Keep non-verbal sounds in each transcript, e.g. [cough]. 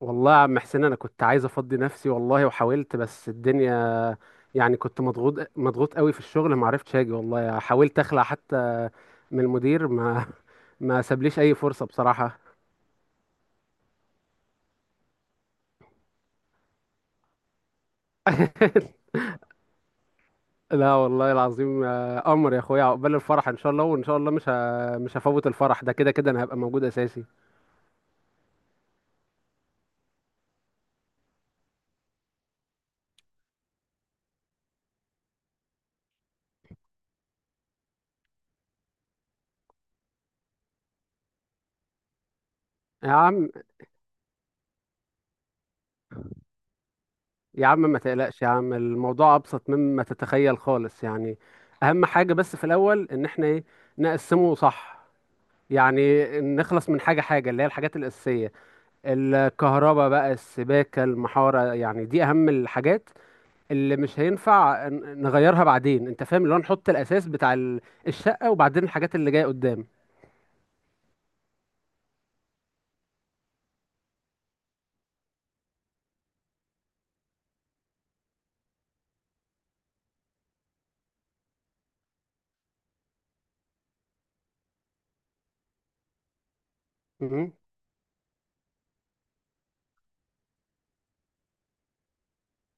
والله يا عم حسين، انا كنت عايز افضي نفسي والله، وحاولت بس الدنيا، يعني كنت مضغوط مضغوط قوي في الشغل، ما عرفتش اجي والله. حاولت اخلع حتى من المدير، ما [laughs] ما سابليش اي فرصة بصراحة. لا والله العظيم، آه، قمر يا اخويا، عقبال الفرح ان شاء الله. وان شاء الله مش هفوت الفرح ده، كده كده انا هبقى موجود اساسي. يا عم يا عم، ما تقلقش يا عم، الموضوع ابسط مما تتخيل خالص، يعني اهم حاجة بس في الاول ان احنا ايه، نقسمه صح. يعني نخلص من حاجة حاجة اللي هي الحاجات الأساسية: الكهرباء بقى، السباكة، المحارة، يعني دي أهم الحاجات اللي مش هينفع نغيرها بعدين. أنت فاهم اللي هو نحط الأساس بتاع الشقة، وبعدين الحاجات اللي جاية قدام. مهم.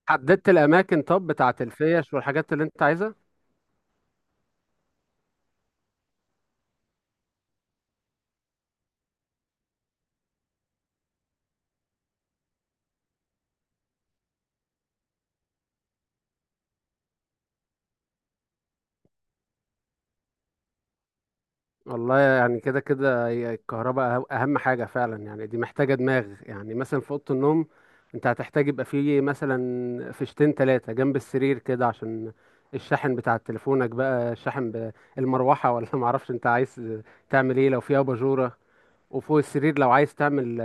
حددت الأماكن طب بتاعت الفيش والحاجات اللي أنت عايزها؟ والله يعني كده كده هي الكهرباء اهم حاجه فعلا، يعني دي محتاجه دماغ. يعني مثلا في اوضه النوم انت هتحتاج يبقى فيه مثلا فيشتين تلاتة جنب السرير كده، عشان الشاحن بتاع تليفونك بقى، الشاحن المروحه، ولا [laughs] معرفش انت عايز تعمل ايه لو فيه اباجوره. وفوق السرير لو عايز تعمل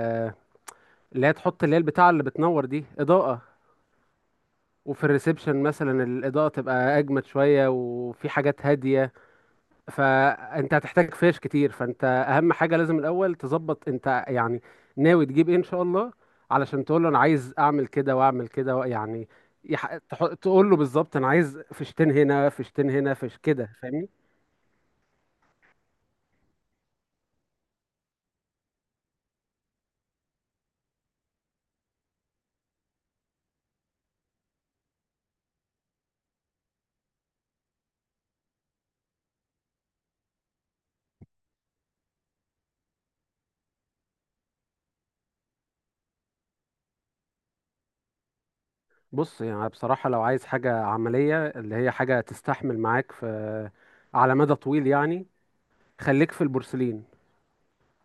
اللي هي تحط اللي هي البتاعه اللي بتنور دي اضاءه. وفي الريسبشن مثلا الاضاءه تبقى اجمد شويه، وفي حاجات هاديه. فانت هتحتاج فيش كتير. فانت اهم حاجه لازم الاول تظبط انت يعني ناوي تجيب ايه ان شاء الله، علشان تقول له انا عايز اعمل كده واعمل كده يعني. تقول له بالظبط انا عايز فيشتين هنا، فيشتين هنا، فيش كده، فاهمني؟ بص يعني بصراحه لو عايز حاجه عمليه اللي هي حاجه تستحمل معاك في على مدى طويل يعني، خليك في البورسلين.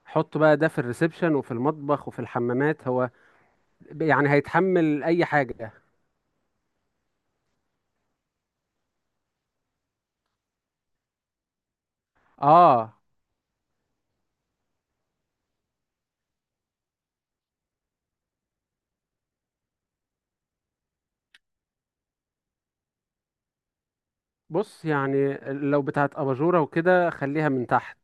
حط بقى ده في الريسبشن وفي المطبخ وفي الحمامات، هو يعني هيتحمل اي حاجه. اه، بص يعني لو بتاعت اباجوره وكده خليها من تحت،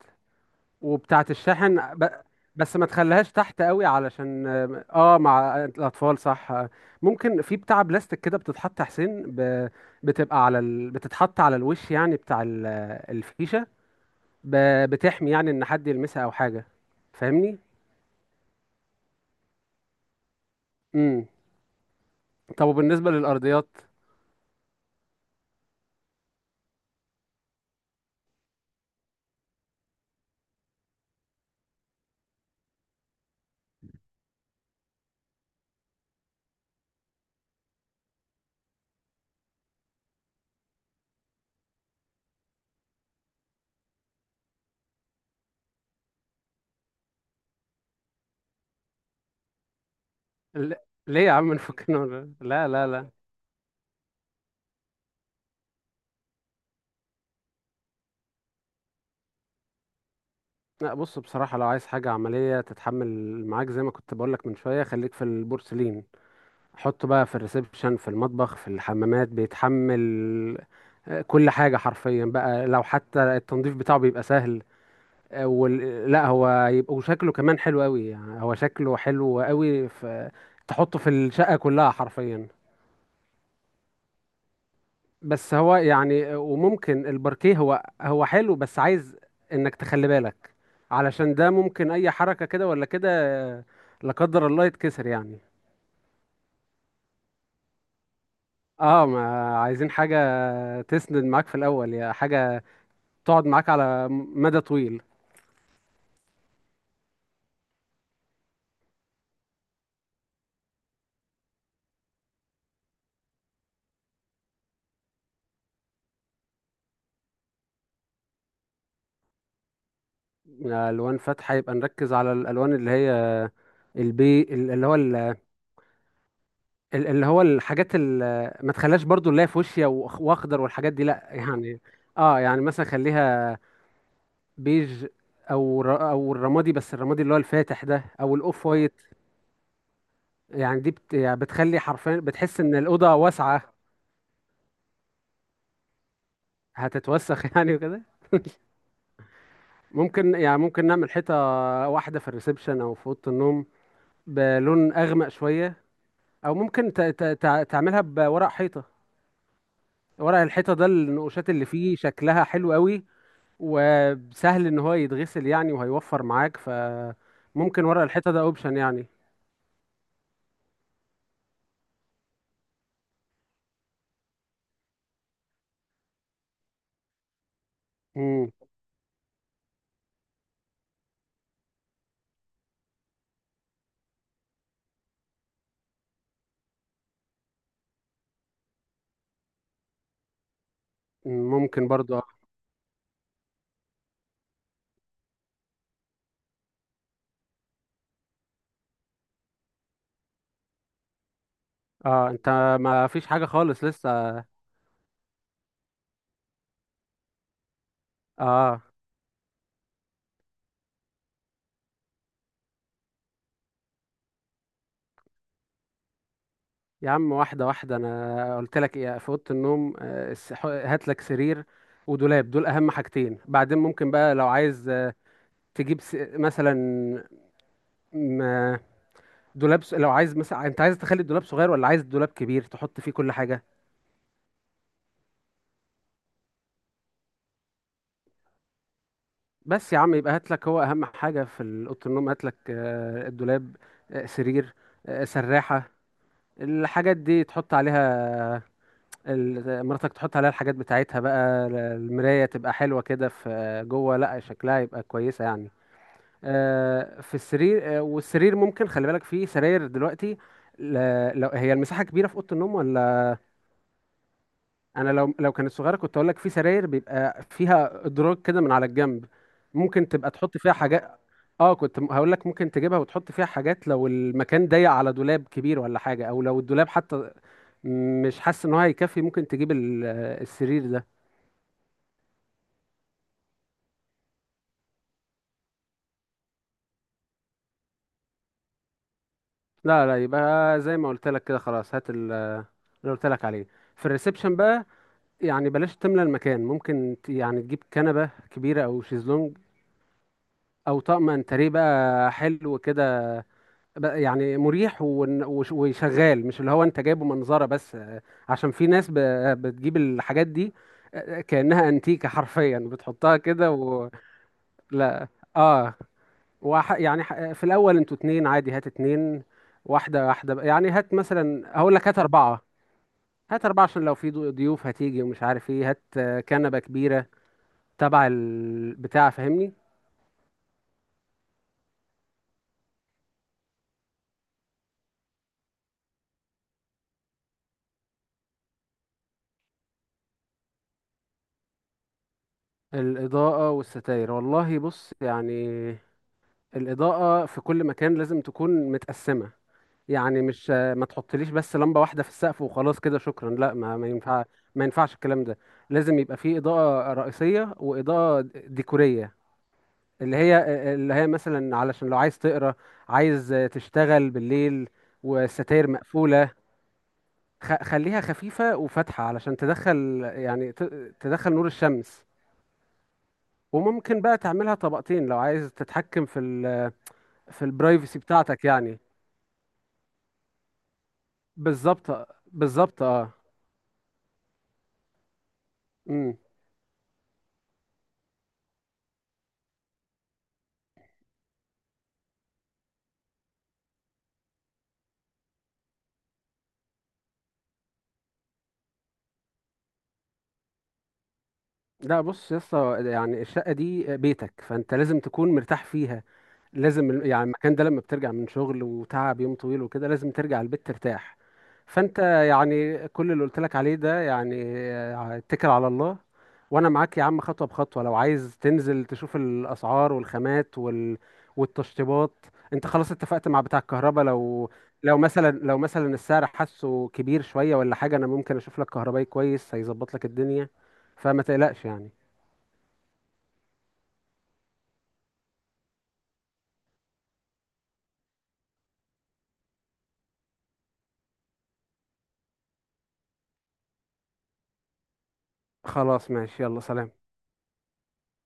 وبتاعت الشاحن بس ما تخليهاش تحت قوي علشان اه. آه، مع الاطفال صح. ممكن في بتاع بلاستيك كده بتتحط يا حسين، بتبقى على بتتحط على الوش، يعني بتاع الفيشه، ب... بتحمي يعني ان حد يلمسها او حاجه، فاهمني. امم، طب وبالنسبه للارضيات؟ ل... ليه يا عم، نفكنا. لا لا لا، لا بص بصراحة لو عايز حاجة عملية تتحمل معاك زي ما كنت بقولك من شوية، خليك في البورسلين. حطه بقى في الريسبشن، في المطبخ، في الحمامات، بيتحمل آه، كل حاجة حرفيا بقى. لو حتى التنظيف بتاعه بيبقى سهل. آه، لا هو يبقى، وشكله كمان حلو قوي يعني، هو شكله حلو قوي في... تحطه في الشقة كلها حرفيا. بس هو يعني، وممكن الباركيه، هو هو حلو، بس عايز انك تخلي بالك، علشان ده ممكن اي حركة كده ولا كده، لا قدر الله، يتكسر يعني. اه، ما عايزين حاجة تسند معاك في الاول، يا حاجة تقعد معاك على مدى طويل. الوان فاتحة، يبقى نركز على الالوان اللي هي البي اللي هو الحاجات اللي ما تخليهاش برضو اللي هي فوشيا واخضر والحاجات دي لا يعني. اه يعني مثلا خليها بيج، او او الرمادي، بس الرمادي اللي هو الفاتح ده، او الاوف وايت. يعني دي يعني بتخلي حرفيا بتحس ان الاوضه واسعه. هتتوسخ [laughs] يعني وكده. ممكن يعني ممكن نعمل حيطه واحده في الريسبشن او في اوضه النوم بلون اغمق شويه. او ممكن تعملها بورق حيطه. ورق الحيطه ده النقوشات اللي فيه شكلها حلو قوي، وسهل ان هو يتغسل يعني وهيوفر معاك. فممكن ورق الحيطه ده اوبشن يعني. مم. ممكن برضو. اه، انت ما فيش حاجة خالص لسه؟ اه يا عم، واحدة واحدة. انا قلت لك ايه، في اوضة النوم آه، هات لك سرير ودولاب، دول اهم حاجتين. بعدين ممكن بقى لو عايز آه، تجيب مثلا م- دولاب لو عايز مثلا، انت عايز تخلي الدولاب صغير ولا عايز دولاب كبير تحط فيه كل حاجة؟ بس يا عم، يبقى هات لك، هو اهم حاجة في اوضة النوم هات لك آه، الدولاب، آه، سرير، آه، سراحة، الحاجات دي تحط عليها. مراتك تحط عليها الحاجات بتاعتها بقى. المراية تبقى حلوة كده في جوه، لا شكلها يبقى كويسة يعني. آه، في السرير، آه، والسرير ممكن خلي بالك في سراير دلوقتي لو هي المساحة كبيرة في أوضة النوم ولا. أنا لو لو كانت صغيرة كنت أقول لك في سراير بيبقى فيها إدراج كده من على الجنب، ممكن تبقى تحط فيها حاجات. اه كنت هقول لك ممكن تجيبها وتحط فيها حاجات لو المكان ضيق على دولاب كبير ولا حاجة، أو لو الدولاب حتى مش حاسس إن هو هيكفي، ممكن تجيب السرير ده. لا لا، يبقى زي ما قلت لك كده خلاص، هات اللي قلت لك عليه. في الريسبشن بقى يعني بلاش تملى المكان. ممكن يعني تجيب كنبة كبيرة أو شيزلونج أو طقم انتريه بقى حلو كده بقى، يعني مريح وشغال، مش اللي هو أنت جايبه منظرة بس آه، عشان في ناس بتجيب الحاجات دي آه، كأنها أنتيكة حرفيا، بتحطها كده و... لا، اه. في الأول أنتوا اتنين عادي، هات اتنين، واحدة واحدة بقى. يعني هات مثلا، هقول لك هات أربعة. هات أربعة عشان لو في ضيوف هتيجي ومش عارف ايه، هات آه، كنبة كبيرة تبع البتاع فاهمني. الإضاءة والستاير، والله بص يعني، الإضاءة في كل مكان لازم تكون متقسمة. يعني مش آه، ما تحطليش بس لمبة واحدة في السقف وخلاص كده شكرا، لا. ما ينفع. ما ينفعش الكلام ده. لازم يبقى فيه إضاءة رئيسية وإضاءة ديكورية، اللي هي اللي هي مثلا علشان لو عايز تقرا، عايز آه، تشتغل بالليل والستاير مقفولة. خليها خفيفة وفاتحة علشان تدخل يعني تدخل نور الشمس. وممكن بقى تعملها طبقتين لو عايز تتحكم في في البرايفسي بتاعتك يعني. بالظبط بالظبط اه. امم. لا بص يا اسطى، يعني الشقة دي بيتك، فانت لازم تكون مرتاح فيها. لازم يعني المكان ده، لما بترجع من شغل وتعب يوم طويل وكده، لازم ترجع البيت ترتاح. فانت يعني كل اللي قلت لك عليه ده يعني آه، اتكل على الله وانا معاك يا عم خطوة بخطوة. لو عايز تنزل تشوف الاسعار والخامات والتشطيبات. انت خلاص اتفقت مع بتاع الكهرباء؟ لو مثلا السعر حاسه كبير شوية ولا حاجة، انا ممكن اشوف لك كهربائي كويس هيظبط لك الدنيا، فما تقلقش يعني. خلاص ماشي، يلا سلام.